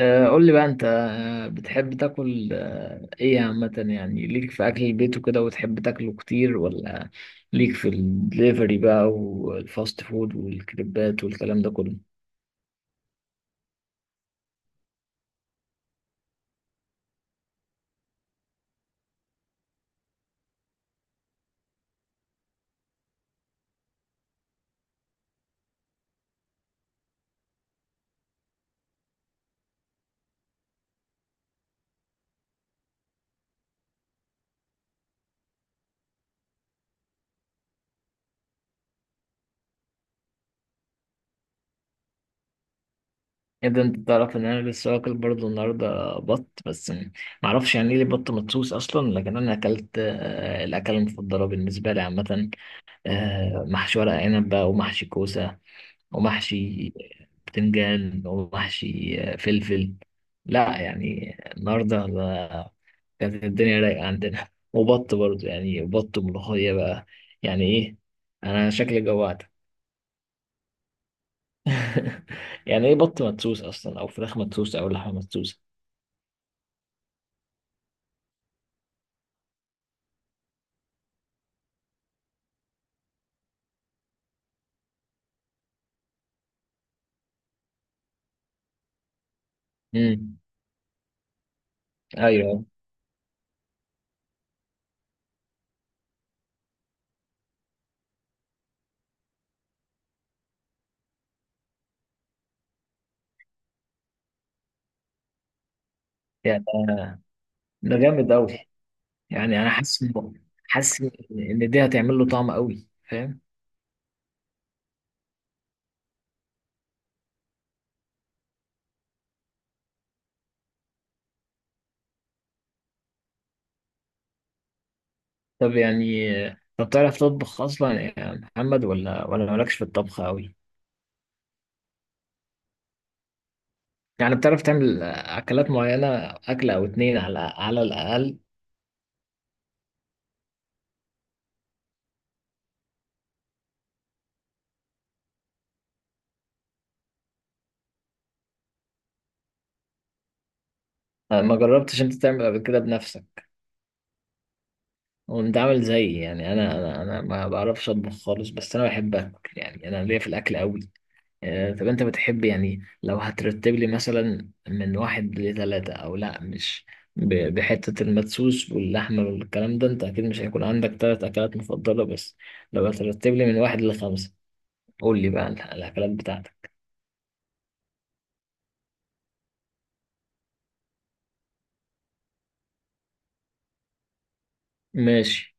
قول لي بقى انت، بتحب تاكل ايه عامة؟ يعني ليك في اكل البيت وكده وتحب تاكله كتير، ولا ليك في الدليفري بقى والفاست فود والكريبات والكلام ده كله؟ ايه ده! انت تعرف ان انا لسه واكل برضه النهارده بط، بس معرفش يعني ايه ليه بط مدسوس اصلا. لكن انا اكلت، الاكله المفضله بالنسبه لي عامة محشي ورق عنب بقى، ومحشي كوسه، ومحشي بتنجان، ومحشي فلفل. لا يعني النهارده كانت الدنيا رايقة عندنا، وبط برضه يعني، بط وملوخية بقى. يعني ايه، انا شكلي جوعت. يعني ايه بط مدسوس اصلا، او فراخ مدسوسة، او لحمة مدسوسة؟ امم. ايوه يعني، ده جامد قوي. يعني انا حاسس ان دي هتعمل له طعم قوي، فاهم؟ طب يعني طب تعرف تطبخ اصلا يا محمد، ولا مالكش في الطبخ قوي؟ يعني بتعرف تعمل أكلات معينة، أكلة أو اتنين على الأقل؟ أنا ما جربتش أنت تعمل قبل كده بنفسك. وأنت عامل زيي يعني، أنا ما بعرفش أطبخ خالص، بس أنا بحب أكل، يعني أنا ليا في الأكل أوي. طب أنت بتحب، يعني لو هترتب لي مثلا من واحد لتلاتة، أو لأ مش بحتة المدسوس واللحمة والكلام ده، أنت أكيد مش هيكون عندك تلات أكلات مفضلة بس، لو هترتب لي من واحد لخمسة قول لي بقى الأكلات بتاعتك. ماشي.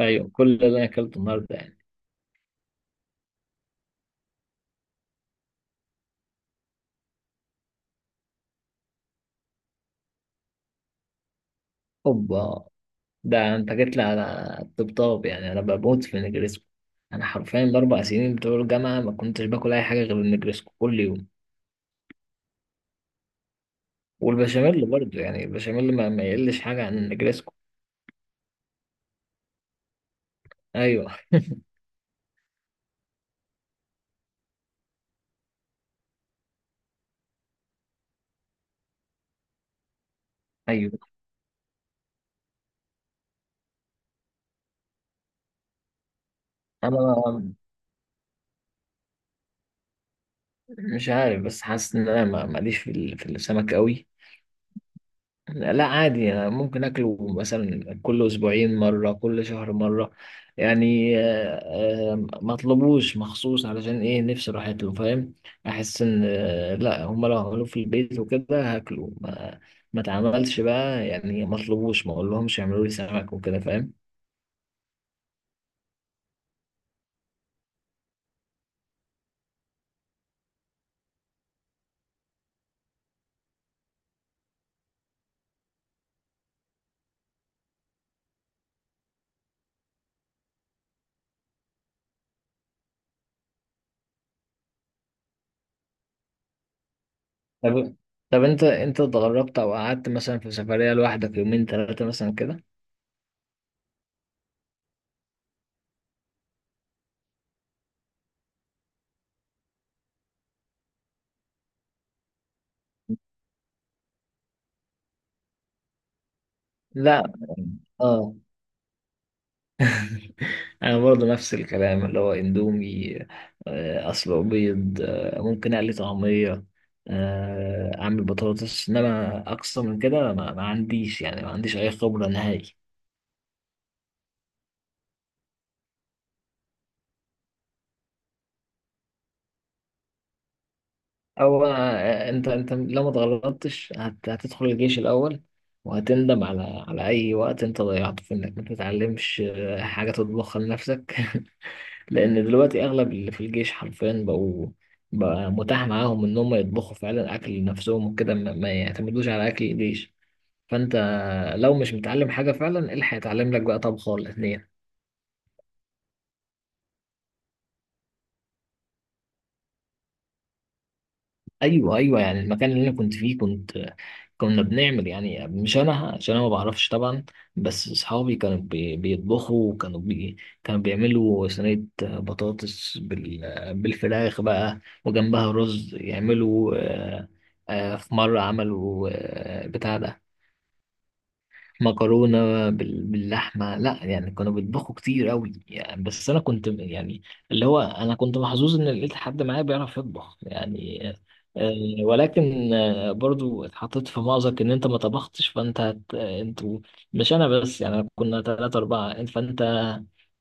ايوه كل اللي انا اكلته النهارده يعني. اوبا! ده انت جيت لي على الطبطاب، يعني انا بموت في النجريسكو. انا حرفيا الاربع سنين بتوع الجامعه ما كنتش باكل اي حاجه غير النجريسكو كل يوم. والبشاميل برضه يعني، البشاميل ما يقلش حاجه عن النجريسكو. ايوه ايوه. انا مش عارف، بس حاسس ان انا ماليش في في السمك قوي. لا لا، عادي. أنا ممكن اكله مثلا كل اسبوعين مره، كل شهر مره يعني، ما اطلبوش مخصوص علشان ايه، نفسي راحت له، فاهم؟ احس ان لا، هم لو عملوه في البيت وكده هاكله، ما اتعملش بقى يعني، ما اطلبوش، ما اقولهمش يعملوا لي سمك وكده، فاهم؟ طب طب انت اتغربت او قعدت مثلا في سفريه لوحدك، يومين ثلاثه مثلا كده؟ لا. اه. انا برضه نفس الكلام، اللي هو اندومي، اصله بيض، ممكن اقلي طعميه، اعمل بطاطس، انما اقصى من كده ما عنديش، يعني ما عنديش اي خبره نهائي. او انت، لو ما اتغلطتش هتدخل الجيش الاول، وهتندم على اي وقت انت ضيعته في انك ما تتعلمش حاجه تطبخها لنفسك. لان دلوقتي اغلب اللي في الجيش حرفيا بقوا، بقى متاح معاهم ان هم يطبخوا فعلا اكل لنفسهم وكده، ما يعتمدوش على اكل الجيش. فانت لو مش متعلم حاجه فعلا، ايه اللي هيتعلم لك بقى، طبخه ولا اتنين؟ ايوه ايوه، يعني المكان اللي انا كنت فيه كنا بنعمل، يعني مش انا عشان انا ما بعرفش طبعا، بس اصحابي كانوا بيطبخوا، وكانوا بي كانوا بيعملوا صينيه بطاطس بالفراخ بقى وجنبها رز، يعملوا في مره عملوا بتاع ده مكرونة باللحمة. لا يعني كانوا بيطبخوا كتير قوي يعني، بس أنا كنت يعني، اللي هو أنا كنت محظوظ إن لقيت حد معايا بيعرف يطبخ يعني. آه، ولكن برضو اتحطيت في مأزق، إن أنت ما طبختش فأنت أنتوا، مش أنا بس، يعني كنا تلاتة أربعة، فأنت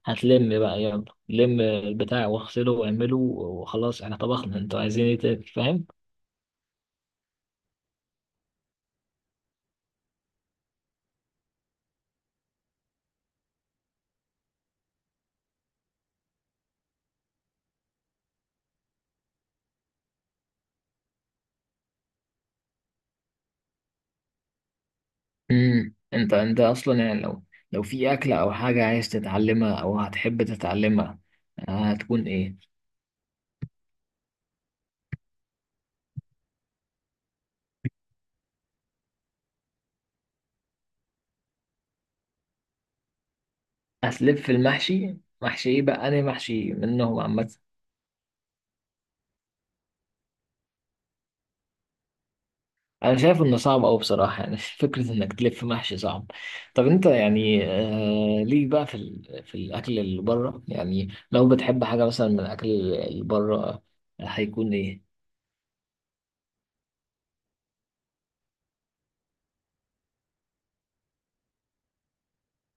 هتلم بقى، يلا لم البتاع واغسله واعمله وخلاص احنا طبخنا، انتوا عايزين ايه تاني فاهم؟ امم، انت اصلا يعني، لو في اكله او حاجه عايز تتعلمها او هتحب تتعلمها، هتكون ايه؟ هتلف في المحشي؟ محشي ايه بقى، انا محشي منهم عامه. انا شايف انه صعب قوي بصراحه يعني. فكره انك تلف محشي صعب. طب انت يعني، ليك بقى في في الاكل اللي بره، يعني لو بتحب حاجه مثلا من الاكل اللي بره، هيكون ايه؟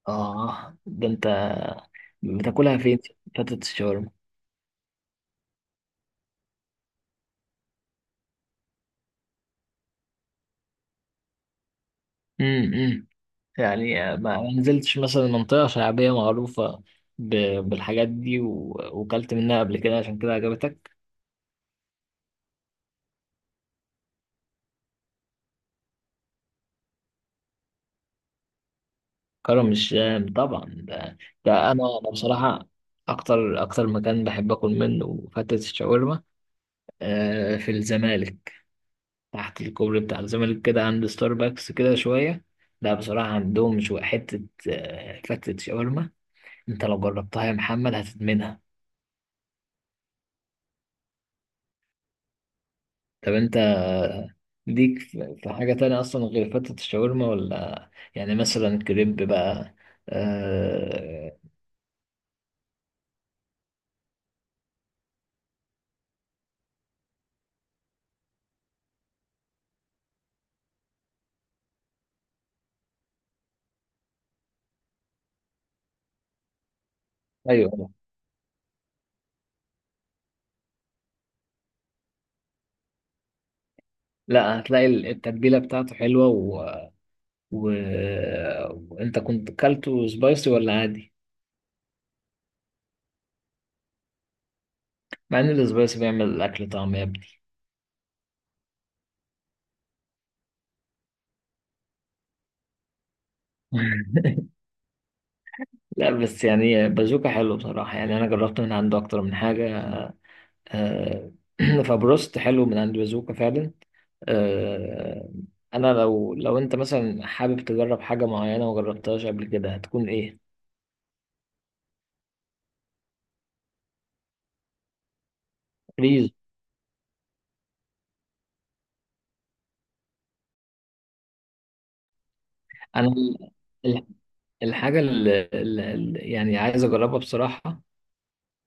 اه ده انت، بتاكلها فين، فتت الشاورما؟ امم. يعني ما نزلتش مثلا منطقة شعبية معروفة بالحاجات دي وكلت منها قبل كده، عشان كده عجبتك؟ كرم الشام طبعا ده. أنا، بصراحة أكتر مكان بحب آكل منه فتة الشاورما، في الزمالك، تحت الكوبري بتاع الزمالك كده عند ستاربكس كده شوية. لا بصراحة عندهم شوية حتة فتة شاورما، أنت لو جربتها يا محمد هتدمنها. طب أنت ليك في حاجة تانية أصلا غير فتة الشاورما، ولا يعني مثلا كريب بقى؟ آه... أيوه. لا هتلاقي التتبيلة بتاعته حلوة و... وأنت كنت كلته سبايسي ولا عادي؟ مع إن السبايسي بيعمل الأكل طعم يا ابني. لا بس يعني، بازوكا حلو بصراحة، يعني أنا جربت من عنده أكتر من حاجة، آه، فبروست حلو من عند بازوكا فعلا. آه، انا، لو انت مثلا حابب تجرب حاجه معينه وجربتهاش قبل كده، هتكون ايه؟ ريز. انا ال- الحاجه يعني عايز اجربها بصراحه،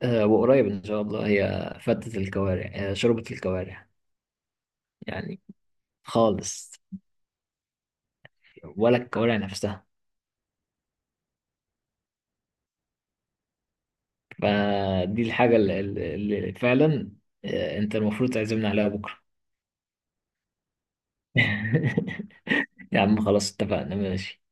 وقريب ان شاء الله هي فتة الكوارع، شوربه الكوارع. يعني خالص. ولا الكوارع نفسها. فدي الحاجه اللي فعلا، انت المفروض تعزمنا عليها بكره. يا عم خلاص اتفقنا، ماشي.